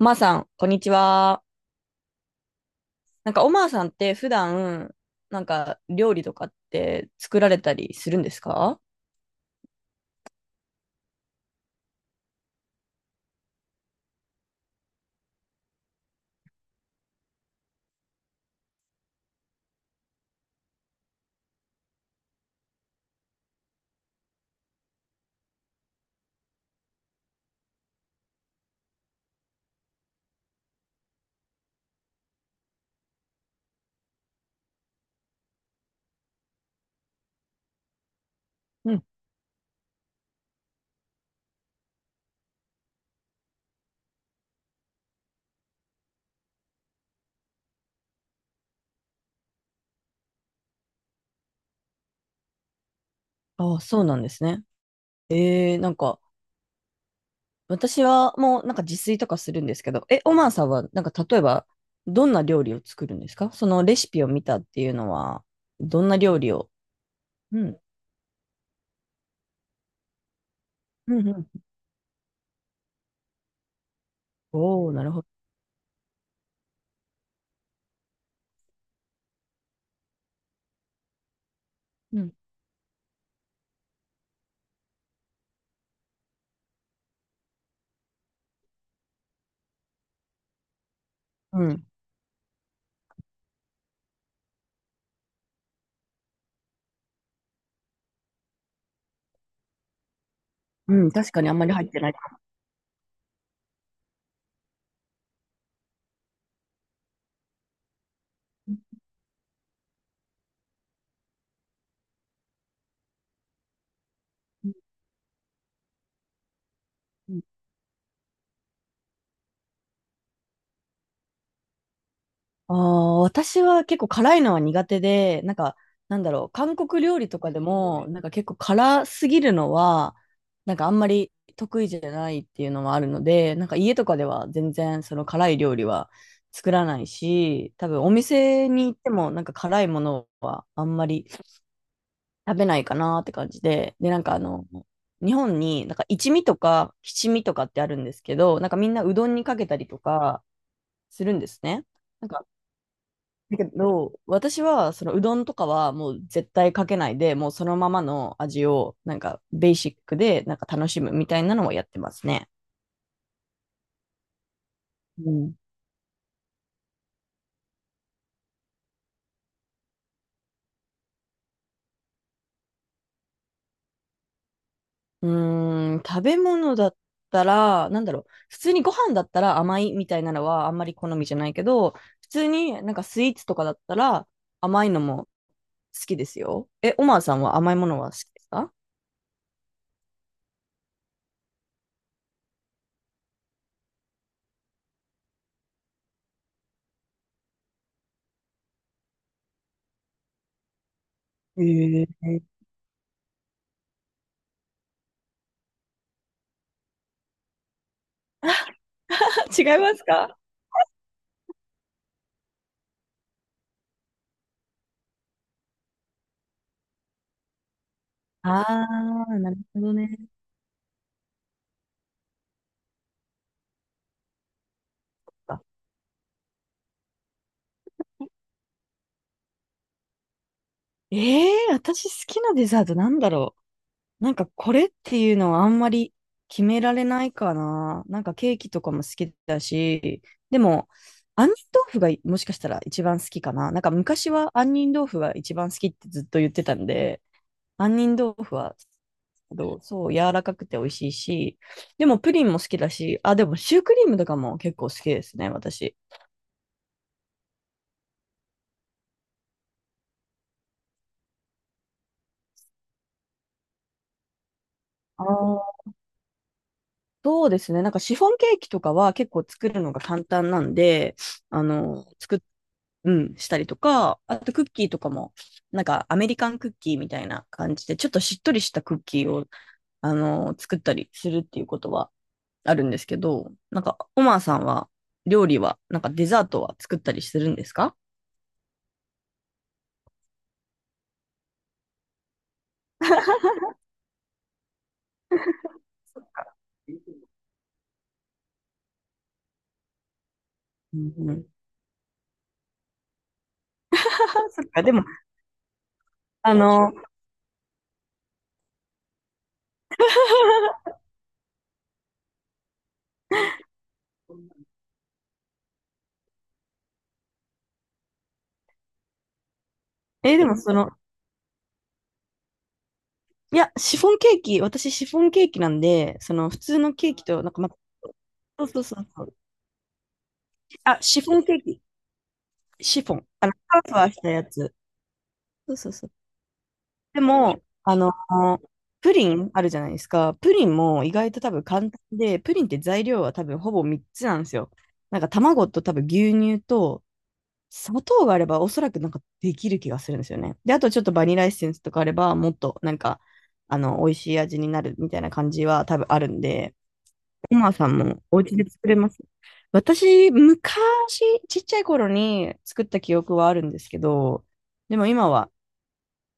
まーさん、こんにちは。おまーさんって普段、料理とかって作られたりするんですか？うん。ああ、そうなんですね。えー、なんか、私はもう、自炊とかするんですけど、え、おまーさんは、例えば、どんな料理を作るんですか？そのレシピを見たっていうのは、どんな料理を？うん。うんうん。おー、なるほど。うん。うん。うん、確かにあんまり入ってない。ああ、私は結構辛いのは苦手で、なんだろう、韓国料理とかでも、結構辛すぎるのは、あんまり得意じゃないっていうのもあるので、家とかでは全然その辛い料理は作らないし、多分お店に行っても辛いものはあんまり食べないかなって感じで、で、なんかあの、日本に一味とか七味とかってあるんですけど、なんかみんなうどんにかけたりとかするんですね。なんかだけど、私は、そのうどんとかはもう絶対かけないで、もうそのままの味を、ベーシックで、楽しむみたいなのをやってますね。うん。うーん、食べ物だったら、なんだろう、普通にご飯だったら甘いみたいなのはあんまり好みじゃないけど、普通にスイーツとかだったら甘いのも好きですよ。え、オマーさんは甘いものは好きですか？えー、違いますか？ああー、なるほどね。ええー、私好きなデザート、なんだろう。これっていうのはあんまり決められないかな。ケーキとかも好きだし、でも、杏仁豆腐がもしかしたら一番好きかな。なんか昔は杏仁豆腐が一番好きってずっと言ってたんで、杏仁豆腐は、どうそう、柔らかくて美味しいし、でもプリンも好きだし、あ、でもシュークリームとかも結構好きですね、私。あー、そうですね。シフォンケーキとかは結構作るのが簡単なんで、あの、うん、したりとか、あとクッキーとかも、アメリカンクッキーみたいな感じで、ちょっとしっとりしたクッキーを、あの、作ったりするっていうことはあるんですけど、なんか、オマーさんは、料理は、なんかデザートは作ったりするんですか？うんうん。そっか、でも、あの、え、でもその、いや、シフォンケーキ、シフォンケーキ、なんで、その普通のケーキと、そうそうそうそう、あ、シフォンケーキ。シフォン。あの、ふわふわしたやつ。そうそうそう。でも、あの、プリンあるじゃないですか。プリンも意外と多分簡単で、プリンって材料は多分ほぼ3つなんですよ。卵と多分牛乳と砂糖があればおそらくできる気がするんですよね。で、あとちょっとバニラエッセンスとかあればもっとなんか、あの、美味しい味になるみたいな感じは多分あるんで、コマさんもお家で作れます？私、昔、ちっちゃい頃に作った記憶はあるんですけど、でも今は、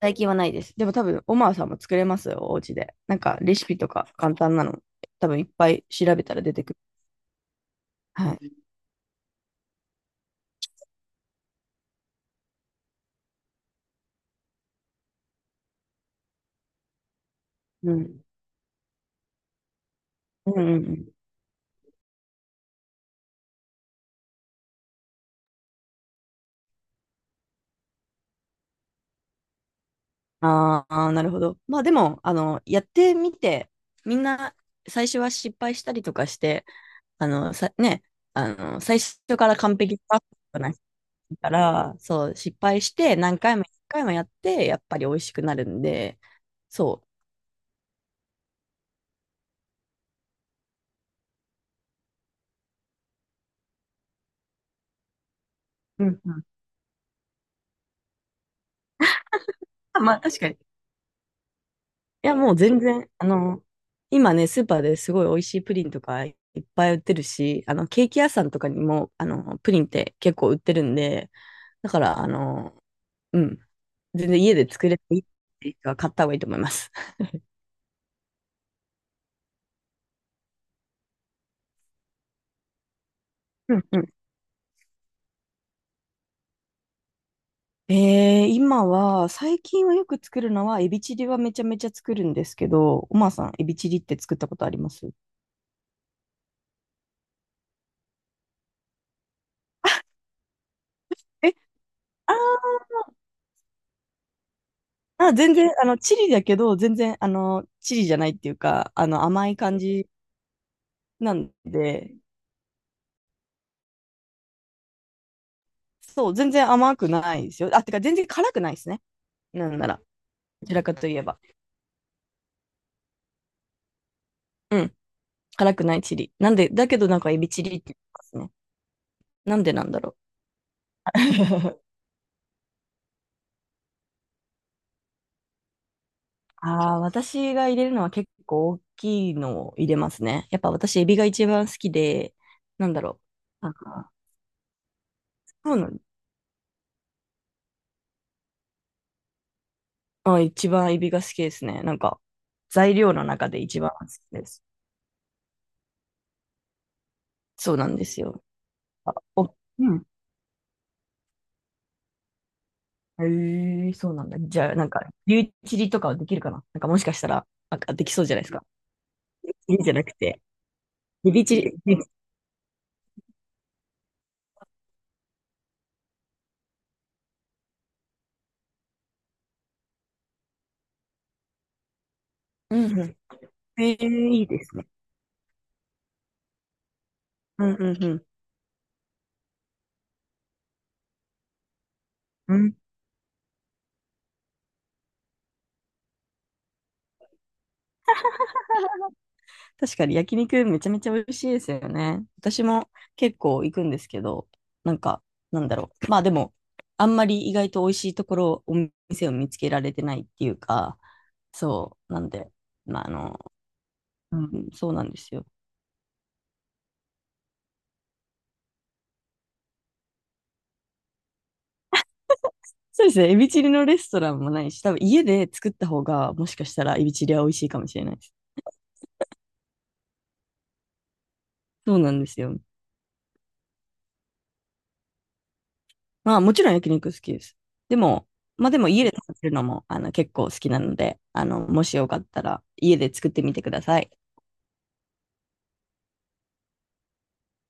最近はないです。でも多分、オマーさんも作れますよ、お家で。なんか、レシピとか簡単なの、多分いっぱい調べたら出てくる。はい。うん。うんうんうん。ああ、なるほど。まあでも、あの、やってみて、みんな、最初は失敗したりとかして、あの、さ、ね、あの、最初から完璧なから、そう、失敗して何回も何回もやって、やっぱり美味しくなるんで、そう。うんうん。あ、まあ確かに。いや、もう全然、あの、今ね、スーパーですごい美味しいプリンとかいっぱい売ってるし、あの、ケーキ屋さんとかにも、あの、プリンって結構売ってるんで、だから、あの、うん、全然家で作れていいっていう人は買った方がいいと思います。うんうん。えー、今は、最近はよく作るのは、エビチリはめちゃめちゃ作るんですけど、おまさん、エビチリって作ったことあります？え、あー、あ、全然、あの、チリだけど、全然、あの、チリじゃないっていうか、あの、甘い感じなんで、そう、全然甘くないですよ。あ、てか、全然辛くないですね。なんなら、どちらかといえば。うん、辛くないチリ。なんで、だけどなんかエビチリって言いますね。なんでなんだろう。ああ、私が入れるのは結構大きいのを入れますね。やっぱ私、エビが一番好きで、なんだろう。なんか、そうなんあ、一番エビが好きですね。なんか、材料の中で一番好きです。そうなんですよ。あ、お、うん。へえ、そうなんだ。じゃあ、なんか、リュウチリとかはできるかな？なんか、もしかしたら、なんかできそうじゃないですか。いいんじゃなくて、エビチリ。うんうん。ええ、いいですね。うんうんうん。うん、確かに焼肉めちゃめちゃ美味しいですよね。私も結構行くんですけど、なんか、なんだろう。まあでも、あんまり意外と美味しいところ、お店を見つけられてないっていうか、そう。なんで、まあ、あの、うん。そうなんですよ。そうですね。エビチリのレストランもないし、多分家で作った方が、もしかしたらエビチリは美味しいかもしれないです。そうなんですよ。まあ、もちろん焼肉好きです。でも、まあでも家で食べるのも、あの、結構好きなので、あの、もしよかったら家で作ってみてください。